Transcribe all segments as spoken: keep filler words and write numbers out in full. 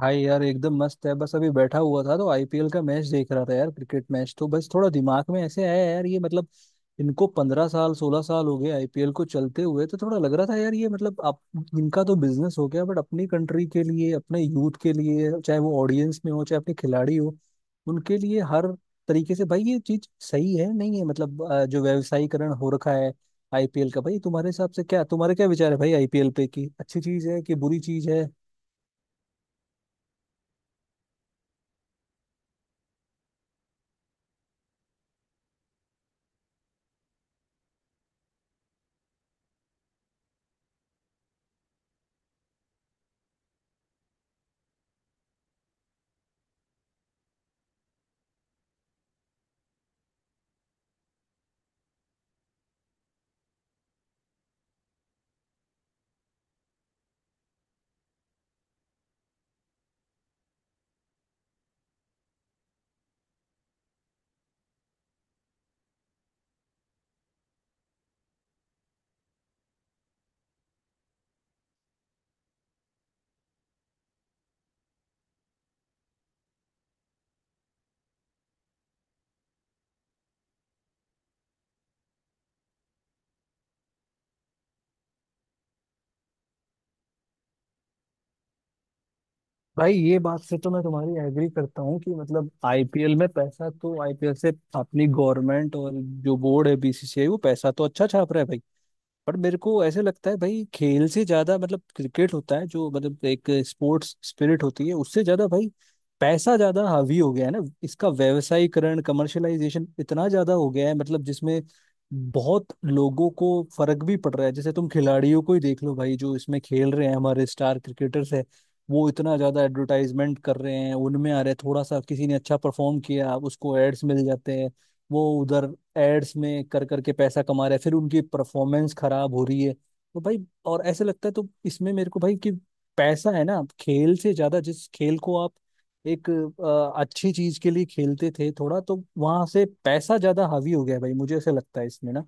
भाई यार एकदम मस्त है। बस अभी बैठा हुआ था तो आई पी एल का मैच देख रहा था यार। क्रिकेट मैच तो बस थोड़ा दिमाग में ऐसे आया यार, ये मतलब इनको पंद्रह साल सोलह साल हो गए आई पी एल को चलते हुए। तो थोड़ा लग रहा था यार, ये मतलब आप इनका तो बिजनेस हो गया, बट अपनी कंट्री के लिए, अपने यूथ के लिए, चाहे वो ऑडियंस में हो चाहे अपने खिलाड़ी हो, उनके लिए हर तरीके से भाई ये चीज सही है नहीं है। मतलब अ, जो व्यवसायीकरण हो रखा है आई पी एल का, भाई तुम्हारे हिसाब से क्या, तुम्हारे क्या विचार है भाई आई पी एल पे, कि अच्छी चीज है कि बुरी चीज है? भाई ये बात से तो मैं तुम्हारी एग्री करता हूँ कि मतलब आई पी एल में पैसा, तो आई पी एल से अपनी गवर्नमेंट और जो बोर्ड है बी सी सी आई वो पैसा तो अच्छा छाप रहा है भाई। पर मेरे को ऐसे लगता है भाई, खेल से ज्यादा मतलब क्रिकेट होता है, जो मतलब एक स्पोर्ट्स स्पिरिट होती है, उससे ज्यादा भाई पैसा ज्यादा हावी हो गया है ना। इसका व्यवसायीकरण, कमर्शलाइजेशन इतना ज्यादा हो गया है, मतलब जिसमें बहुत लोगों को फर्क भी पड़ रहा है। जैसे तुम खिलाड़ियों को ही देख लो भाई, जो इसमें खेल रहे हैं हमारे स्टार क्रिकेटर्स है, वो इतना ज्यादा एडवर्टाइजमेंट कर रहे हैं, उनमें आ रहे हैं। थोड़ा सा किसी ने अच्छा परफॉर्म किया उसको एड्स मिल जाते हैं, वो उधर एड्स में कर करके पैसा कमा रहे हैं, फिर उनकी परफॉर्मेंस खराब हो रही है तो भाई। और ऐसे लगता है तो इसमें मेरे को भाई कि पैसा है ना खेल से ज्यादा। जिस खेल को आप एक अ, अच्छी चीज के लिए खेलते थे थोड़ा, तो वहां से पैसा ज्यादा हावी हो गया है भाई। मुझे ऐसे लगता है इसमें ना।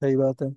सही बात है।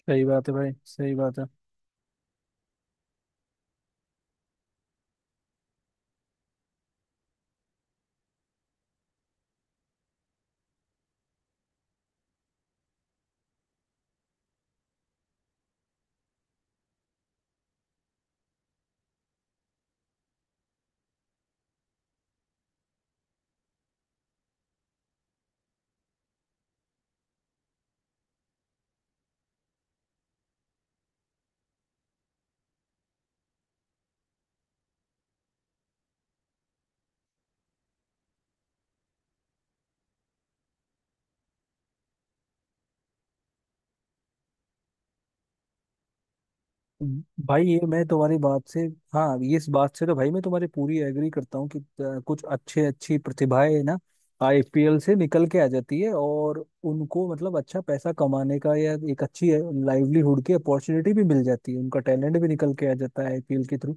सही बात है भाई, सही बात है। भाई ये मैं तुम्हारी बात से, हाँ, ये इस बात से तो भाई मैं तुम्हारी पूरी एग्री करता हूँ कि अ, कुछ अच्छे अच्छी प्रतिभाएं ना आई पी एल से निकल के आ जाती है, और उनको मतलब अच्छा पैसा कमाने का या एक अच्छी लाइवलीहुड की अपॉर्चुनिटी भी मिल जाती है, उनका टैलेंट भी निकल के आ जाता है आई पी एल के थ्रू।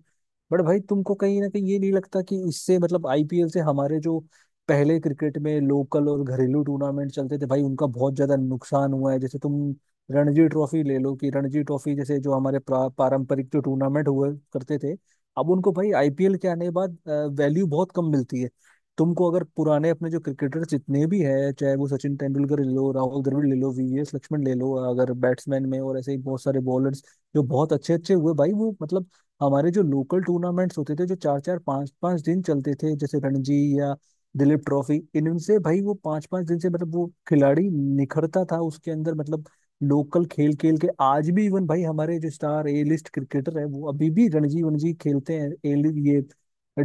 बट भाई तुमको कहीं ना कहीं ये नहीं लगता कि इससे मतलब आई पी एल से हमारे जो पहले क्रिकेट में लोकल और घरेलू टूर्नामेंट चलते थे भाई उनका बहुत ज्यादा नुकसान हुआ है? जैसे तुम रणजी ट्रॉफी ले लो, कि रणजी ट्रॉफी जैसे जो हमारे प्रा- पारंपरिक जो टूर्नामेंट हुआ करते थे, अब उनको भाई आई पी एल के आने के बाद वैल्यू बहुत कम मिलती है। तुमको अगर पुराने अपने जो क्रिकेटर्स जितने भी हैं, चाहे वो सचिन तेंदुलकर ले लो, राहुल द्रविड़ ले लो, वी वी एस लक्ष्मण ले लो अगर बैट्समैन में, और ऐसे ही बहुत सारे बॉलर्स जो बहुत अच्छे अच्छे हुए भाई, वो मतलब हमारे जो लोकल टूर्नामेंट्स होते थे जो चार चार पांच पांच दिन चलते थे जैसे रणजी या दिलीप ट्रॉफी, इनसे भाई वो पांच पांच दिन से मतलब वो खिलाड़ी निखरता था उसके अंदर। मतलब लोकल खेल खेल के आज भी इवन भाई हमारे जो स्टार ए लिस्ट क्रिकेटर है, वो अभी भी रणजी वनजी खेलते हैं, ए ये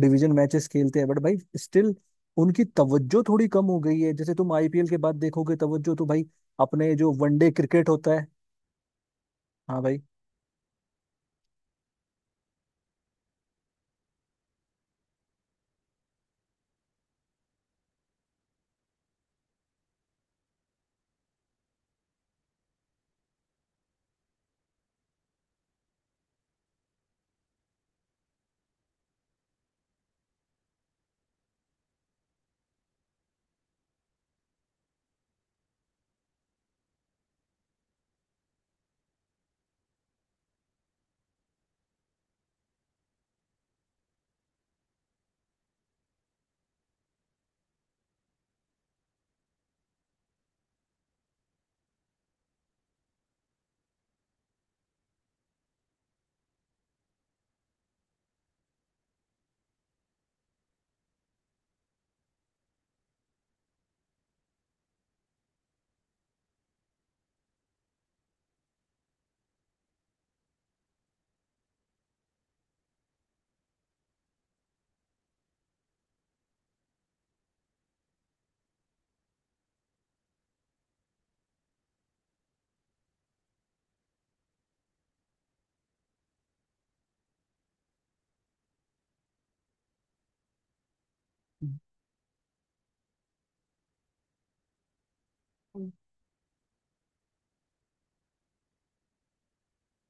डिवीजन मैचेस खेलते हैं, बट भाई स्टिल उनकी तवज्जो थोड़ी कम हो गई है। जैसे तुम आई पी एल के बाद देखोगे तवज्जो, तो भाई अपने जो वनडे क्रिकेट होता है। हाँ भाई।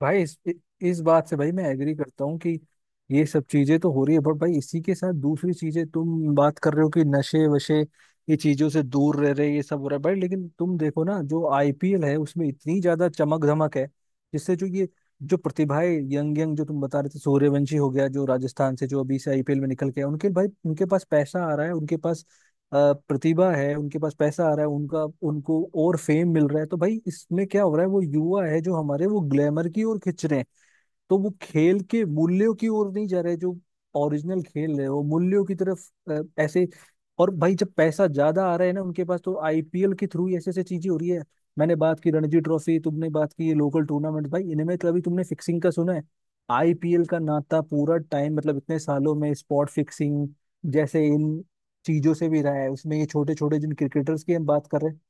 भाई इस इ- इस बात से भाई मैं एग्री करता हूँ कि ये सब चीजें तो हो रही है, बट भाई इसी के साथ दूसरी चीजें तुम बात कर रहे हो कि नशे वशे ये चीजों से दूर रह रहे, ये सब हो रहा है भाई। लेकिन तुम देखो ना, जो आई पी एल है उसमें इतनी ज्यादा चमक धमक है, जिससे जो ये जो प्रतिभाएं, यंग यंग जो तुम बता रहे थे, सूर्यवंशी हो गया जो राजस्थान से जो अभी से आई पी एल में निकल के आया, उनके भाई उनके पास पैसा आ रहा है, उनके पास अ, प्रतिभा है, उनके पास पैसा आ रहा है, उनका उनको और फेम मिल रहा है। तो भाई इसमें क्या हो रहा है, वो युवा है जो हमारे, वो ग्लैमर की ओर खिंच रहे हैं, तो वो खेल के मूल्यों की ओर नहीं जा रहे, जो ओरिजिनल खेल है वो मूल्यों की तरफ अ, ऐसे। और भाई जब पैसा ज्यादा आ रहा है ना उनके पास, तो आई पी एल के थ्रू ही ऐसे ऐसे चीजें हो रही है। मैंने बात की रणजी ट्रॉफी, तुमने बात की ये लोकल टूर्नामेंट, भाई इनमें कभी तुमने फिक्सिंग का सुना है? आईपीएल का नाता पूरा टाइम मतलब इतने सालों में स्पॉट फिक्सिंग जैसे इन चीजों से भी रहा है, उसमें ये छोटे छोटे जिन क्रिकेटर्स की हम बात कर रहे हैं।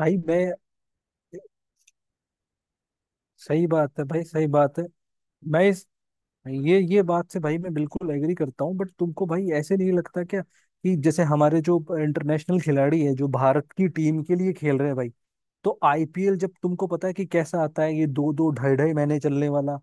भाई मैं, सही बात है भाई, सही बात है। मैं इस, ये ये बात से भाई मैं बिल्कुल एग्री करता हूँ, बट तुमको भाई ऐसे नहीं लगता क्या कि जैसे हमारे जो इंटरनेशनल खिलाड़ी है जो भारत की टीम के लिए खेल रहे हैं भाई, तो आईपीएल जब तुमको पता है कि कैसा आता है, ये दो दो ढाई ढाई महीने चलने वाला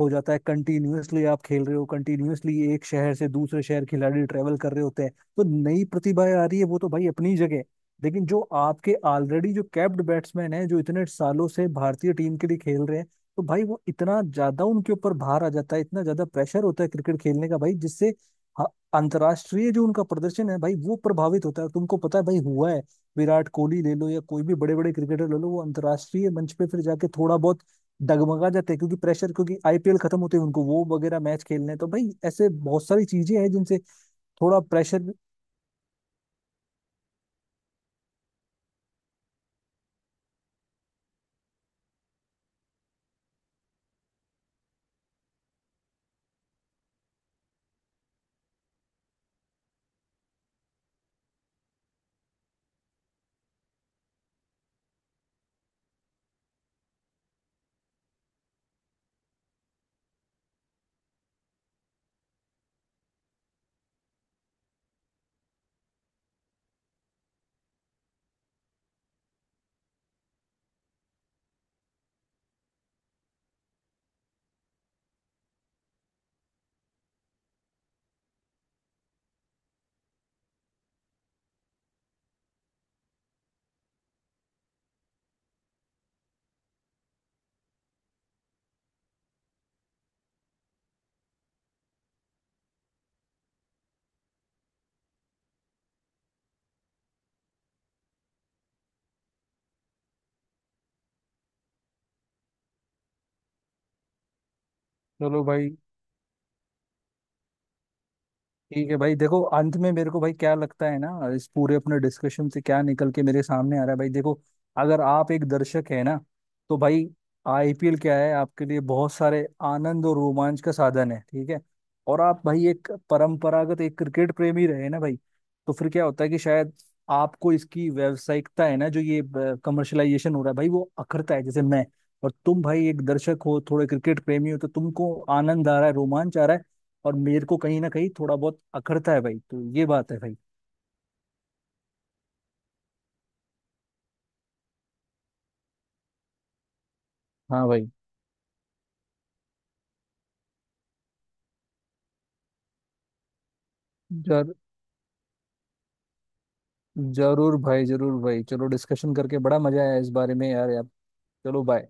हो जाता है, कंटिन्यूअसली आप खेल रहे हो, कंटिन्यूअसली एक शहर से दूसरे शहर खिलाड़ी ट्रेवल कर रहे होते हैं। तो नई प्रतिभाएं आ रही है वो तो भाई अपनी जगह, लेकिन जो आपके ऑलरेडी जो कैप्ड बैट्समैन हैं जो इतने सालों से भारतीय टीम के लिए खेल रहे हैं, तो भाई वो इतना ज्यादा उनके ऊपर भार आ जाता है, इतना ज्यादा प्रेशर होता है क्रिकेट खेलने का भाई, जिससे ह- अंतर्राष्ट्रीय जो उनका प्रदर्शन है भाई वो प्रभावित होता है। तुमको पता है भाई हुआ है, विराट कोहली ले लो या कोई भी बड़े बड़े क्रिकेटर ले लो, वो अंतर्राष्ट्रीय मंच पे फिर जाके थोड़ा बहुत डगमगा जाते हैं, क्योंकि प्रेशर, क्योंकि आई पी एल खत्म होते हैं उनको वो वगैरह मैच खेलने हैं, तो भाई ऐसे बहुत सारी चीजें हैं जिनसे थोड़ा प्रेशर। चलो भाई। ठीक है भाई, देखो अंत में मेरे को भाई क्या लगता है ना, इस पूरे अपने डिस्कशन से क्या निकल के मेरे सामने आ रहा है भाई देखो, अगर आप एक दर्शक है ना, तो भाई आई पी एल क्या है, आपके लिए बहुत सारे आनंद और रोमांच का साधन है, ठीक है। और आप भाई एक परंपरागत एक क्रिकेट प्रेमी रहे ना भाई, तो फिर क्या होता है कि शायद आपको इसकी व्यावसायिकता है ना, जो ये कमर्शलाइजेशन हो रहा है भाई वो अखरता है, जैसे मैं। और तुम भाई एक दर्शक हो थोड़े क्रिकेट प्रेमी हो, तो तुमको आनंद आ रहा है, रोमांच आ रहा है, और मेरे को कहीं ना कहीं थोड़ा बहुत अखरता है भाई, तो ये बात है भाई। हाँ भाई। जर जरूर भाई, जरूर भाई। चलो, डिस्कशन करके बड़ा मजा आया इस बारे में यार यार। चलो बाय।